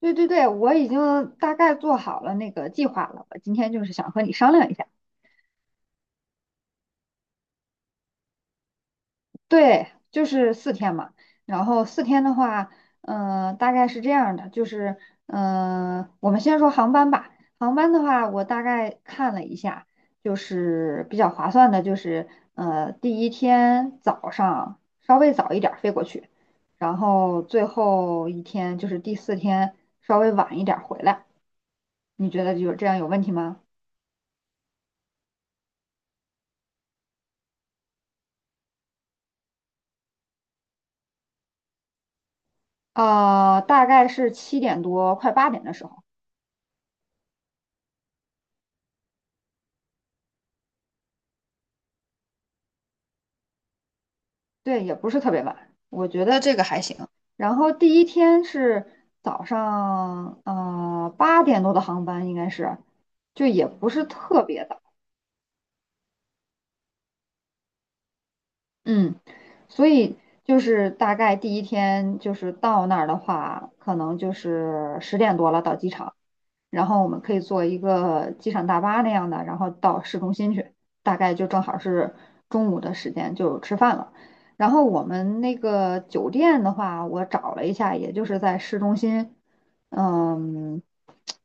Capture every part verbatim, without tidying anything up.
对对对，我已经大概做好了那个计划了。我今天就是想和你商量一下。对，就是四天嘛。然后四天的话，呃，大概是这样的，就是，呃，我们先说航班吧。航班的话，我大概看了一下，就是比较划算的，就是呃，第一天早上稍微早一点儿飞过去，然后最后一天就是第四天稍微晚一点儿回来。你觉得有这样有问题吗？呃，大概是七点多，快八点的时候。对，也不是特别晚，我觉得这个还行。然后第一天是早上，呃，八点多的航班应该是，就也不是特别早。嗯，所以就是大概第一天就是到那儿的话，可能就是十点多了到机场，然后我们可以坐一个机场大巴那样的，然后到市中心去，大概就正好是中午的时间就吃饭了。然后我们那个酒店的话，我找了一下，也就是在市中心。嗯，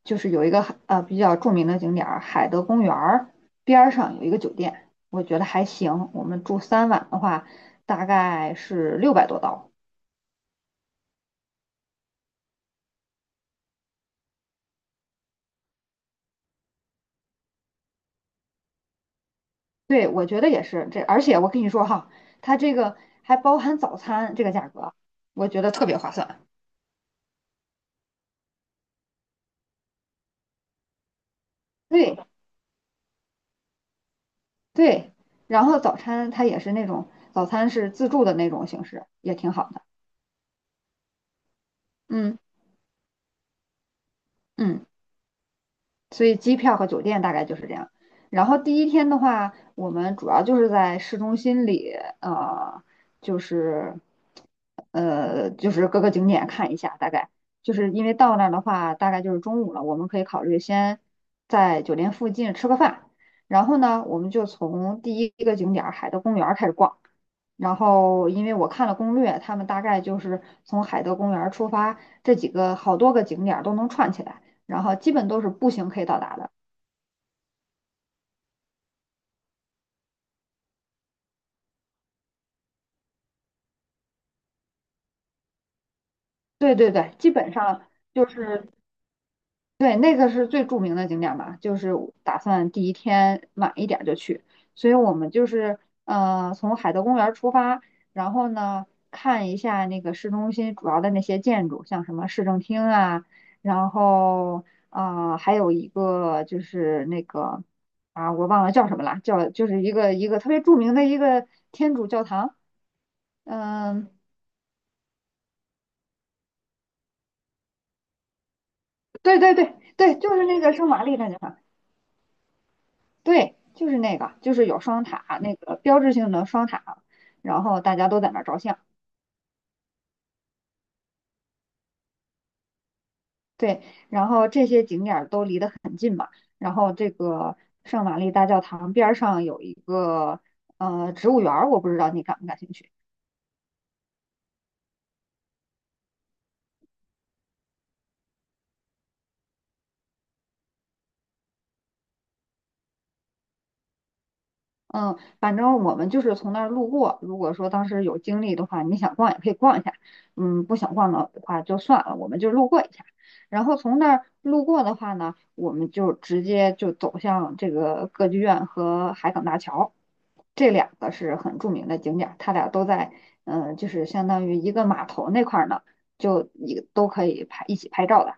就是有一个呃比较著名的景点儿海德公园儿边儿上有一个酒店，我觉得还行。我们住三晚的话，大概是六百多刀。对，我觉得也是这，而且我跟你说哈，它这个还包含早餐，这个价格我觉得特别划算。对对，然后早餐它也是那种早餐是自助的那种形式，也挺好的。嗯嗯，所以机票和酒店大概就是这样。然后第一天的话，我们主要就是在市中心里，呃，就是呃，就是各个景点看一下，大概就是因为到那儿的话，大概就是中午了，我们可以考虑先在酒店附近吃个饭，然后呢，我们就从第一个景点儿海德公园儿开始逛。然后，因为我看了攻略，他们大概就是从海德公园儿出发，这几个好多个景点儿都能串起来，然后基本都是步行可以到达的。对对对，基本上就是对，那个是最著名的景点吧，就是打算第一天晚一点就去，所以我们就是呃从海德公园出发，然后呢看一下那个市中心主要的那些建筑，像什么市政厅啊，然后啊呃还有一个就是那个啊我忘了叫什么了，叫就是一个一个特别著名的一个天主教堂。嗯。对对对对，就是那个圣玛丽大教堂。对，就是那个，就是有双塔，那个标志性的双塔，然后大家都在那儿照相。对，然后这些景点儿都离得很近嘛，然后这个圣玛丽大教堂边儿上有一个呃植物园儿，我不知道你感不感兴趣。嗯，反正我们就是从那儿路过。如果说当时有精力的话，你想逛也可以逛一下。嗯，不想逛的话就算了，我们就路过一下。然后从那儿路过的话呢，我们就直接就走向这个歌剧院和海港大桥，这两个是很著名的景点儿，它俩都在，嗯，就是相当于一个码头那块儿呢，就一都可以拍一起拍照的。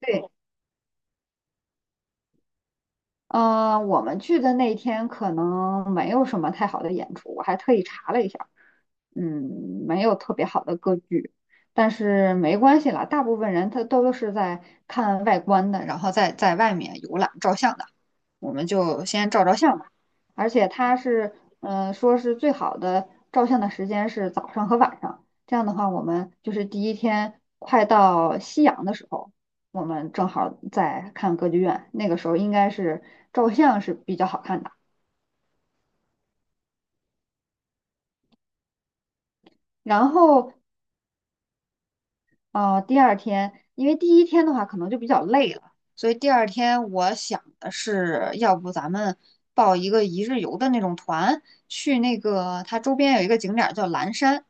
对。嗯，我们去的那天可能没有什么太好的演出，我还特意查了一下。嗯，没有特别好的歌剧，但是没关系啦，大部分人他都是在看外观的，然后在在外面游览照相的，我们就先照照相吧。而且它是，嗯，说是最好的照相的时间是早上和晚上，这样的话，我们就是第一天快到夕阳的时候，我们正好在看歌剧院，那个时候应该是照相是比较好看的。然后哦，第二天，因为第一天的话可能就比较累了，所以第二天我想的是，要不咱们报一个一日游的那种团，去那个它周边有一个景点儿叫蓝山。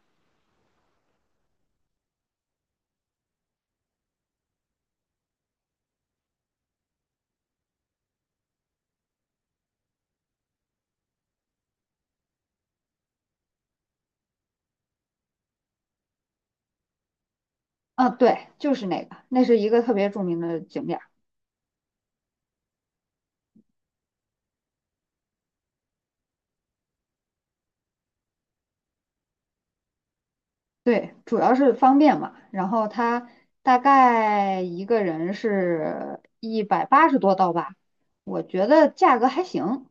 啊，对，就是那个，那是一个特别著名的景点儿。对，主要是方便嘛。然后它大概一个人是一百八十多刀吧，我觉得价格还行。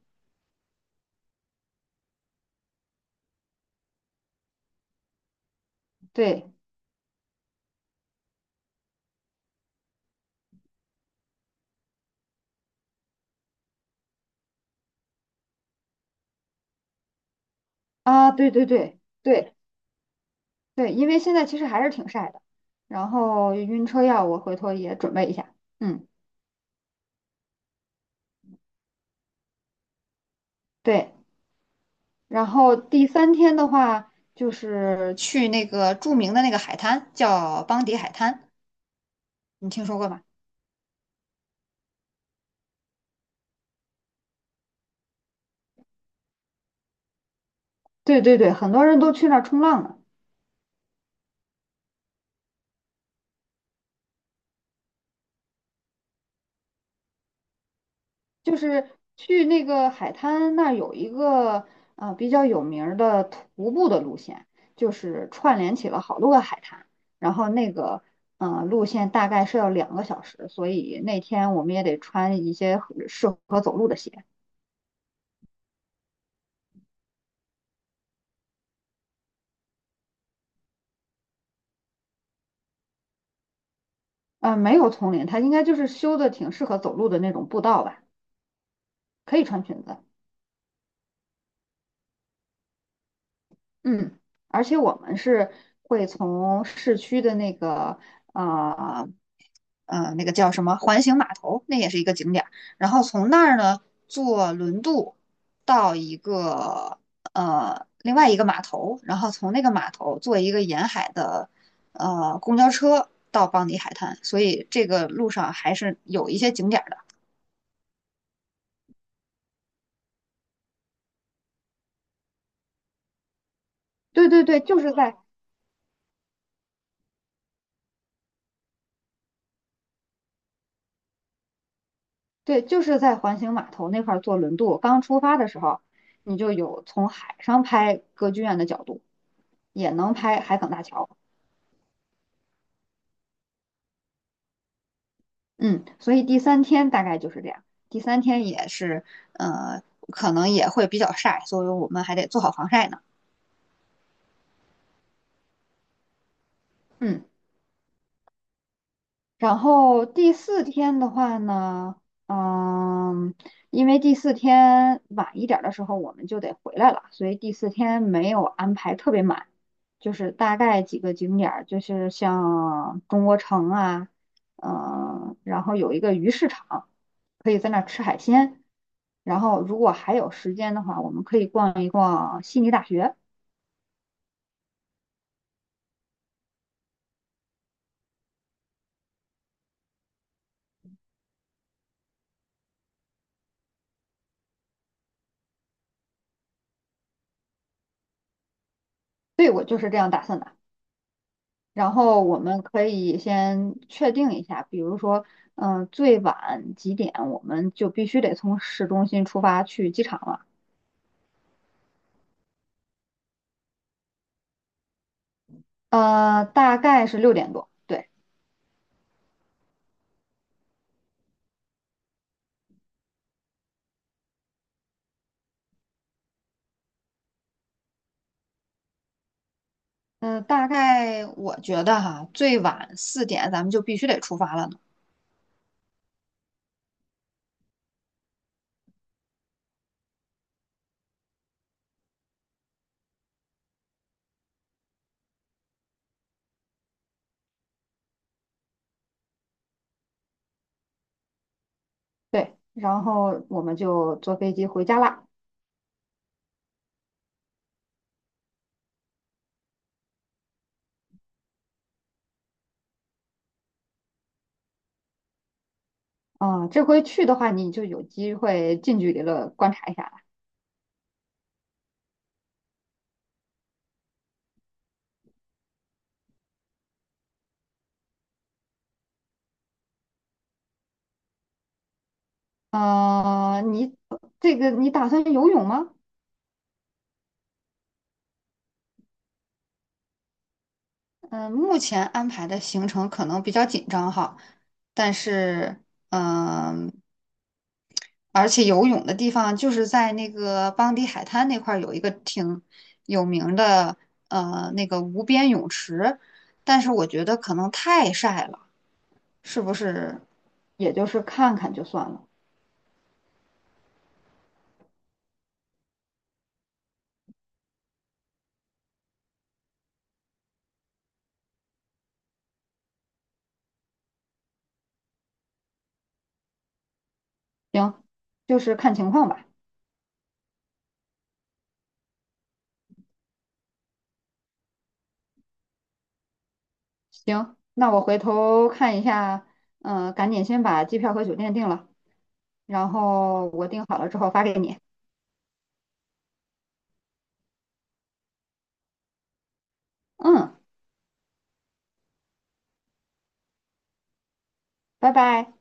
对。啊，对对对。对，对，因为现在其实还是挺晒的，然后晕车药我回头也准备一下。嗯。对，然后第三天的话，就是去那个著名的那个海滩，叫邦迪海滩。你听说过吗？对对对，很多人都去那儿冲浪呢。就是去那个海滩那儿有一个呃比较有名儿的徒步的路线，就是串联起了好多个海滩，然后那个呃路线大概是要两个小时，所以那天我们也得穿一些合适合走路的鞋。呃，没有丛林，它应该就是修的挺适合走路的那种步道吧，可以穿裙子。嗯，而且我们是会从市区的那个呃呃那个叫什么环形码头，那也是一个景点儿，然后从那儿呢坐轮渡到一个呃另外一个码头，然后从那个码头坐一个沿海的呃公交车到邦迪海滩，所以这个路上还是有一些景点儿的。对对对，就是在对，就是在环形码头那块儿坐轮渡，刚出发的时候，你就有从海上拍歌剧院的角度，也能拍海港大桥。嗯，所以第三天大概就是这样。第三天也是，呃，可能也会比较晒，所以我们还得做好防晒呢。嗯。然后第四天的话呢。嗯，因为第四天晚一点儿的时候我们就得回来了，所以第四天没有安排特别满，就是大概几个景点儿，就是像中国城啊，嗯，然后有一个鱼市场，可以在那儿吃海鲜。然后如果还有时间的话，我们可以逛一逛悉尼大学。对，我就是这样打算的。然后我们可以先确定一下，比如说，嗯、最晚几点我们就必须得从市中心出发去机场了。呃，大概是六点多。对。嗯、大概我觉得哈，最晚四点咱们就必须得出发了呢。对，然后我们就坐飞机回家啦。啊、这回去的话，你就有机会近距离的观察一下了。呃，你这个你打算游泳吗？嗯，目前安排的行程可能比较紧张哈，但是嗯，而且游泳的地方就是在那个邦迪海滩那块儿有一个挺有名的呃那个无边泳池，但是我觉得可能太晒了，是不是？也就是看看就算了。行，就是看情况吧。行，那我回头看一下。嗯、赶紧先把机票和酒店定了，然后我定好了之后发给你。嗯。拜拜。